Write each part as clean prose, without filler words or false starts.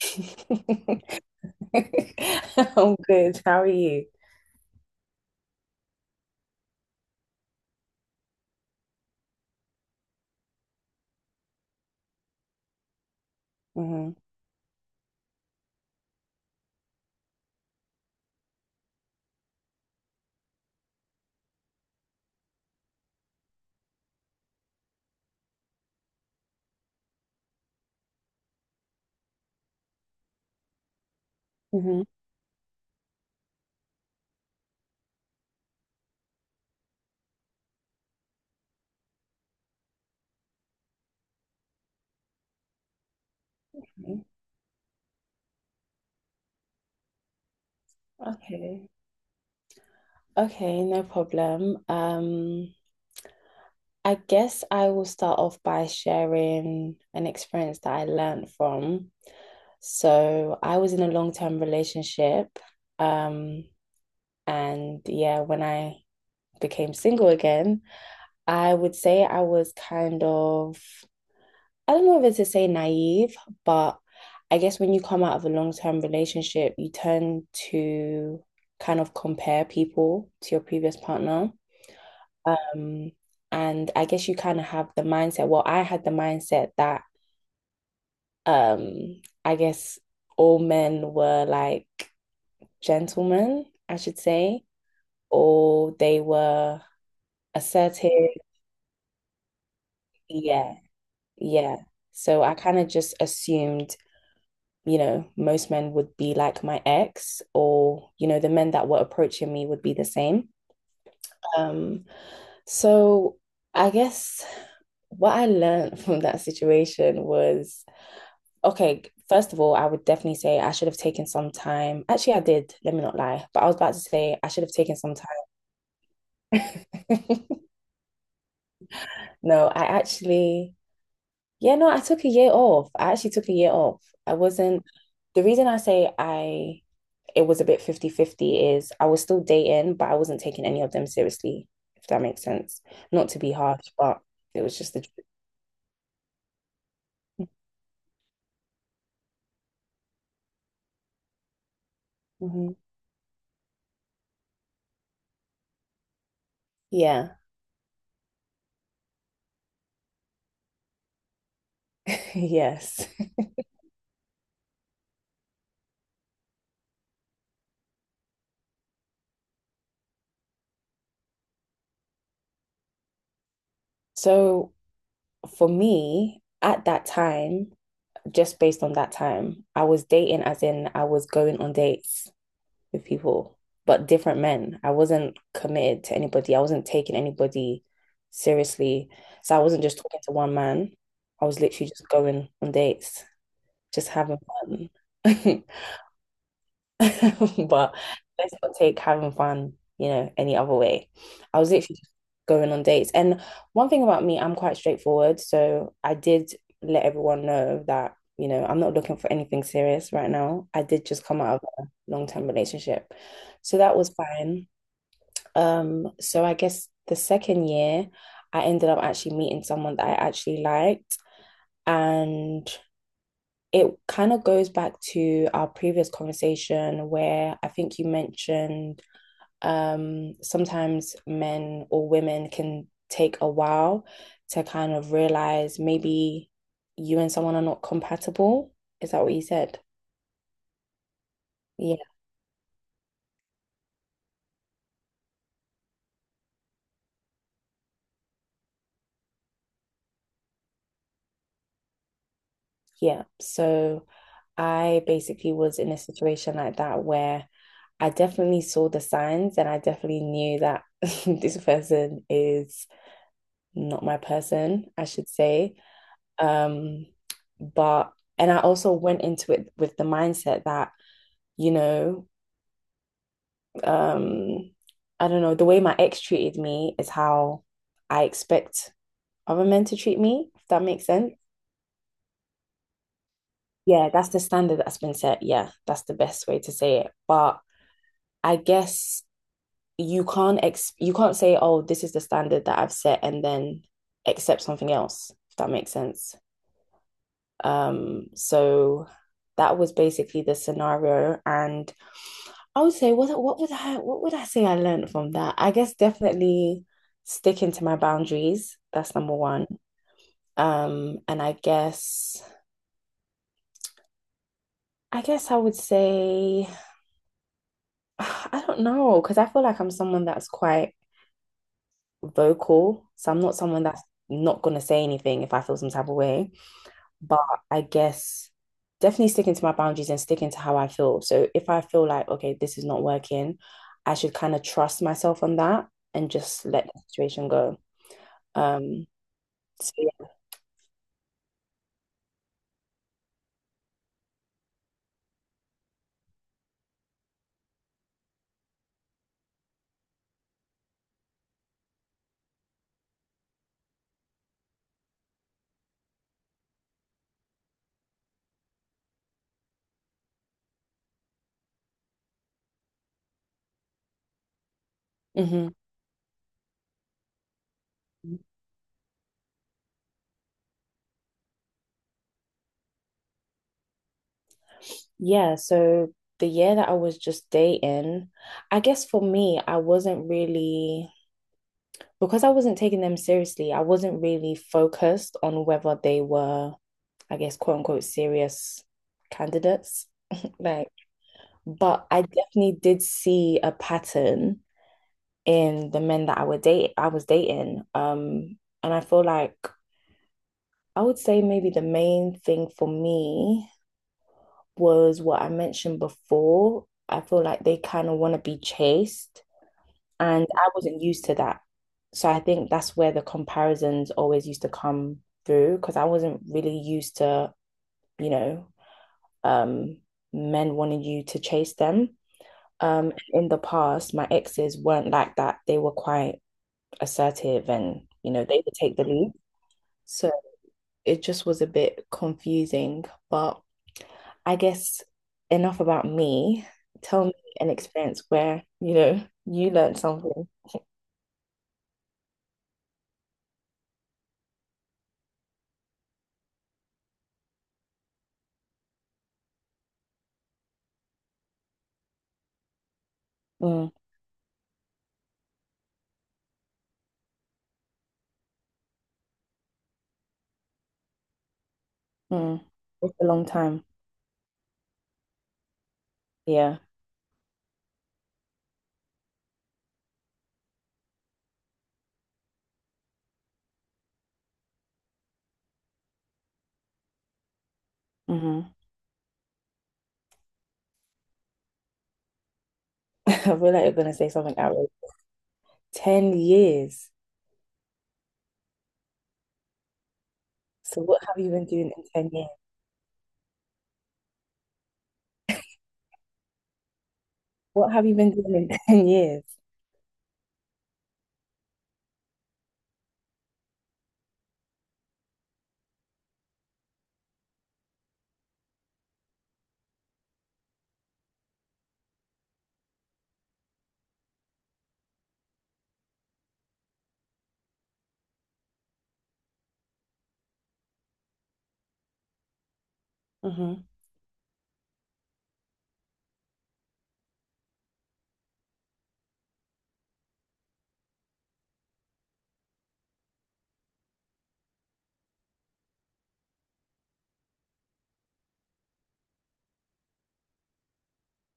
I'm good. How are you? hmm hmm Okay. Okay, no problem. I guess I will start off by sharing an experience that I learned from. So I was in a long-term relationship. Um, and yeah, when I became single again, I would say I was kind of— I don't know if it's to say naive, but I guess when you come out of a long-term relationship, you tend to kind of compare people to your previous partner. Um, and I guess you kind of have the mindset. Well, I had the mindset that I guess all men were like gentlemen, I should say, or they were assertive. Yeah, yeah. So I kind of just assumed, you know, most men would be like my ex, or, you know, the men that were approaching me would be the same. Um, so I guess what I learned from that situation was, okay, first of all, I would definitely say I should have taken some time. Actually, I did, let me not lie, but I was about to say I should have taken some time. No, I actually— yeah, no, I took a year off. I actually took a year off. I wasn't— the reason I say I it was a bit 50 50. Is I was still dating, but I wasn't taking any of them seriously, if that makes sense. Not to be harsh, but it was just the truth. Mhm. Yeah, yes. So for me, at that time, just based on that time, I was dating as in I was going on dates with people, but different men. I wasn't committed to anybody. I wasn't taking anybody seriously. So I wasn't just talking to one man. I was literally just going on dates. Just having fun. But let's not take having fun, you know, any other way. I was literally just going on dates. And one thing about me, I'm quite straightforward. So I did let everyone know that, you know, I'm not looking for anything serious right now. I did just come out of a long-term relationship. So that was fine. So I guess the second year, I ended up actually meeting someone that I actually liked. And it kind of goes back to our previous conversation where I think you mentioned sometimes men or women can take a while to kind of realize maybe you and someone are not compatible. Is that what you said? Yeah, yeah. So I basically was in a situation like that where I definitely saw the signs and I definitely knew that this person is not my person, I should say. Um, but and I also went into it with the mindset that, you know, um, I don't know, the way my ex treated me is how I expect other men to treat me, if that makes sense. Yeah, that's the standard that's been set. Yeah, that's the best way to say it. But I guess you can't ex— you can't say, oh, this is the standard that I've set and then accept something else, if that makes sense. So that was basically the scenario, and I would say what would I say I learned from that? I guess definitely sticking to my boundaries. That's number one. And I guess— I would say I don't know, because I feel like I'm someone that's quite vocal, so I'm not someone that's not gonna say anything if I feel some type of way. But I guess definitely sticking to my boundaries and sticking to how I feel. So if I feel like, okay, this is not working, I should kind of trust myself on that and just let the situation go. Um, so Mhm. Yeah, so the year that I was just dating, I guess for me, I wasn't really— because I wasn't taking them seriously, I wasn't really focused on whether they were, I guess, quote unquote, serious candidates. Like, but I definitely did see a pattern in the men that I was dating. And I feel like I would say maybe the main thing for me was what I mentioned before. I feel like they kind of want to be chased, and I wasn't used to that. So I think that's where the comparisons always used to come through, because I wasn't really used to, you know, um, men wanting you to chase them. In the past, my exes weren't like that. They were quite assertive and, you know, they would take the lead. So it just was a bit confusing, but I guess enough about me. Tell me an experience where, you know, you learned something. Mm, mm. It's a long time. Yeah. hmm I feel like you're gonna say something outrageous. 10 years. So what have you been doing in 10 years? What have you been doing in 10 years? hmm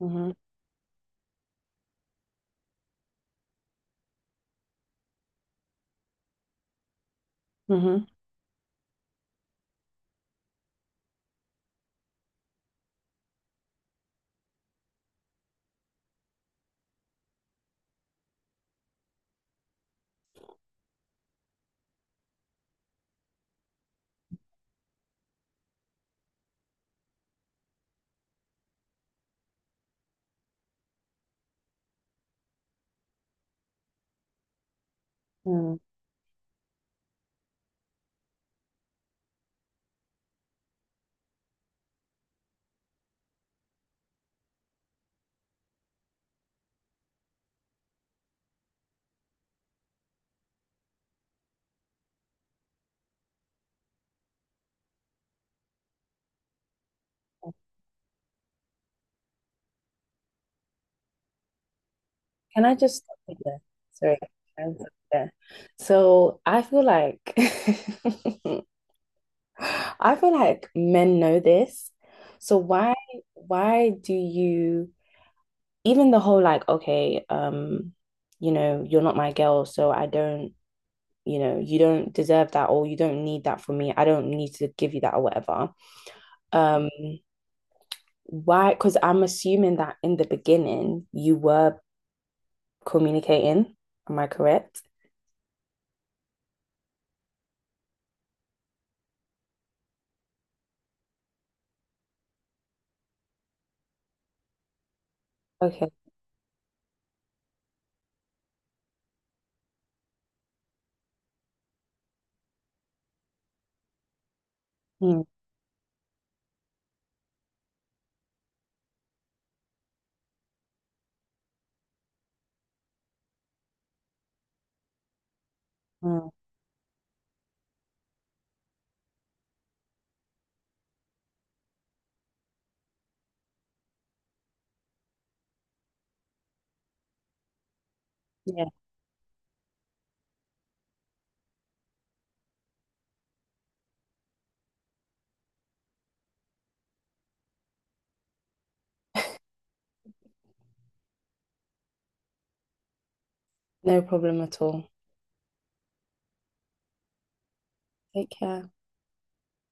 hmm hmm Mm. Can I just stop you there? Sorry. Can I stop you there? So I feel like I feel like men know this. So why— why do you even the whole like, okay, you know, you're not my girl, so I don't— you know, you don't deserve that or you don't need that from me. I don't need to give you that or whatever. Um why because I'm assuming that in the beginning you were communicating, am I correct? Okay. Mm, mm. No problem at all. Take care.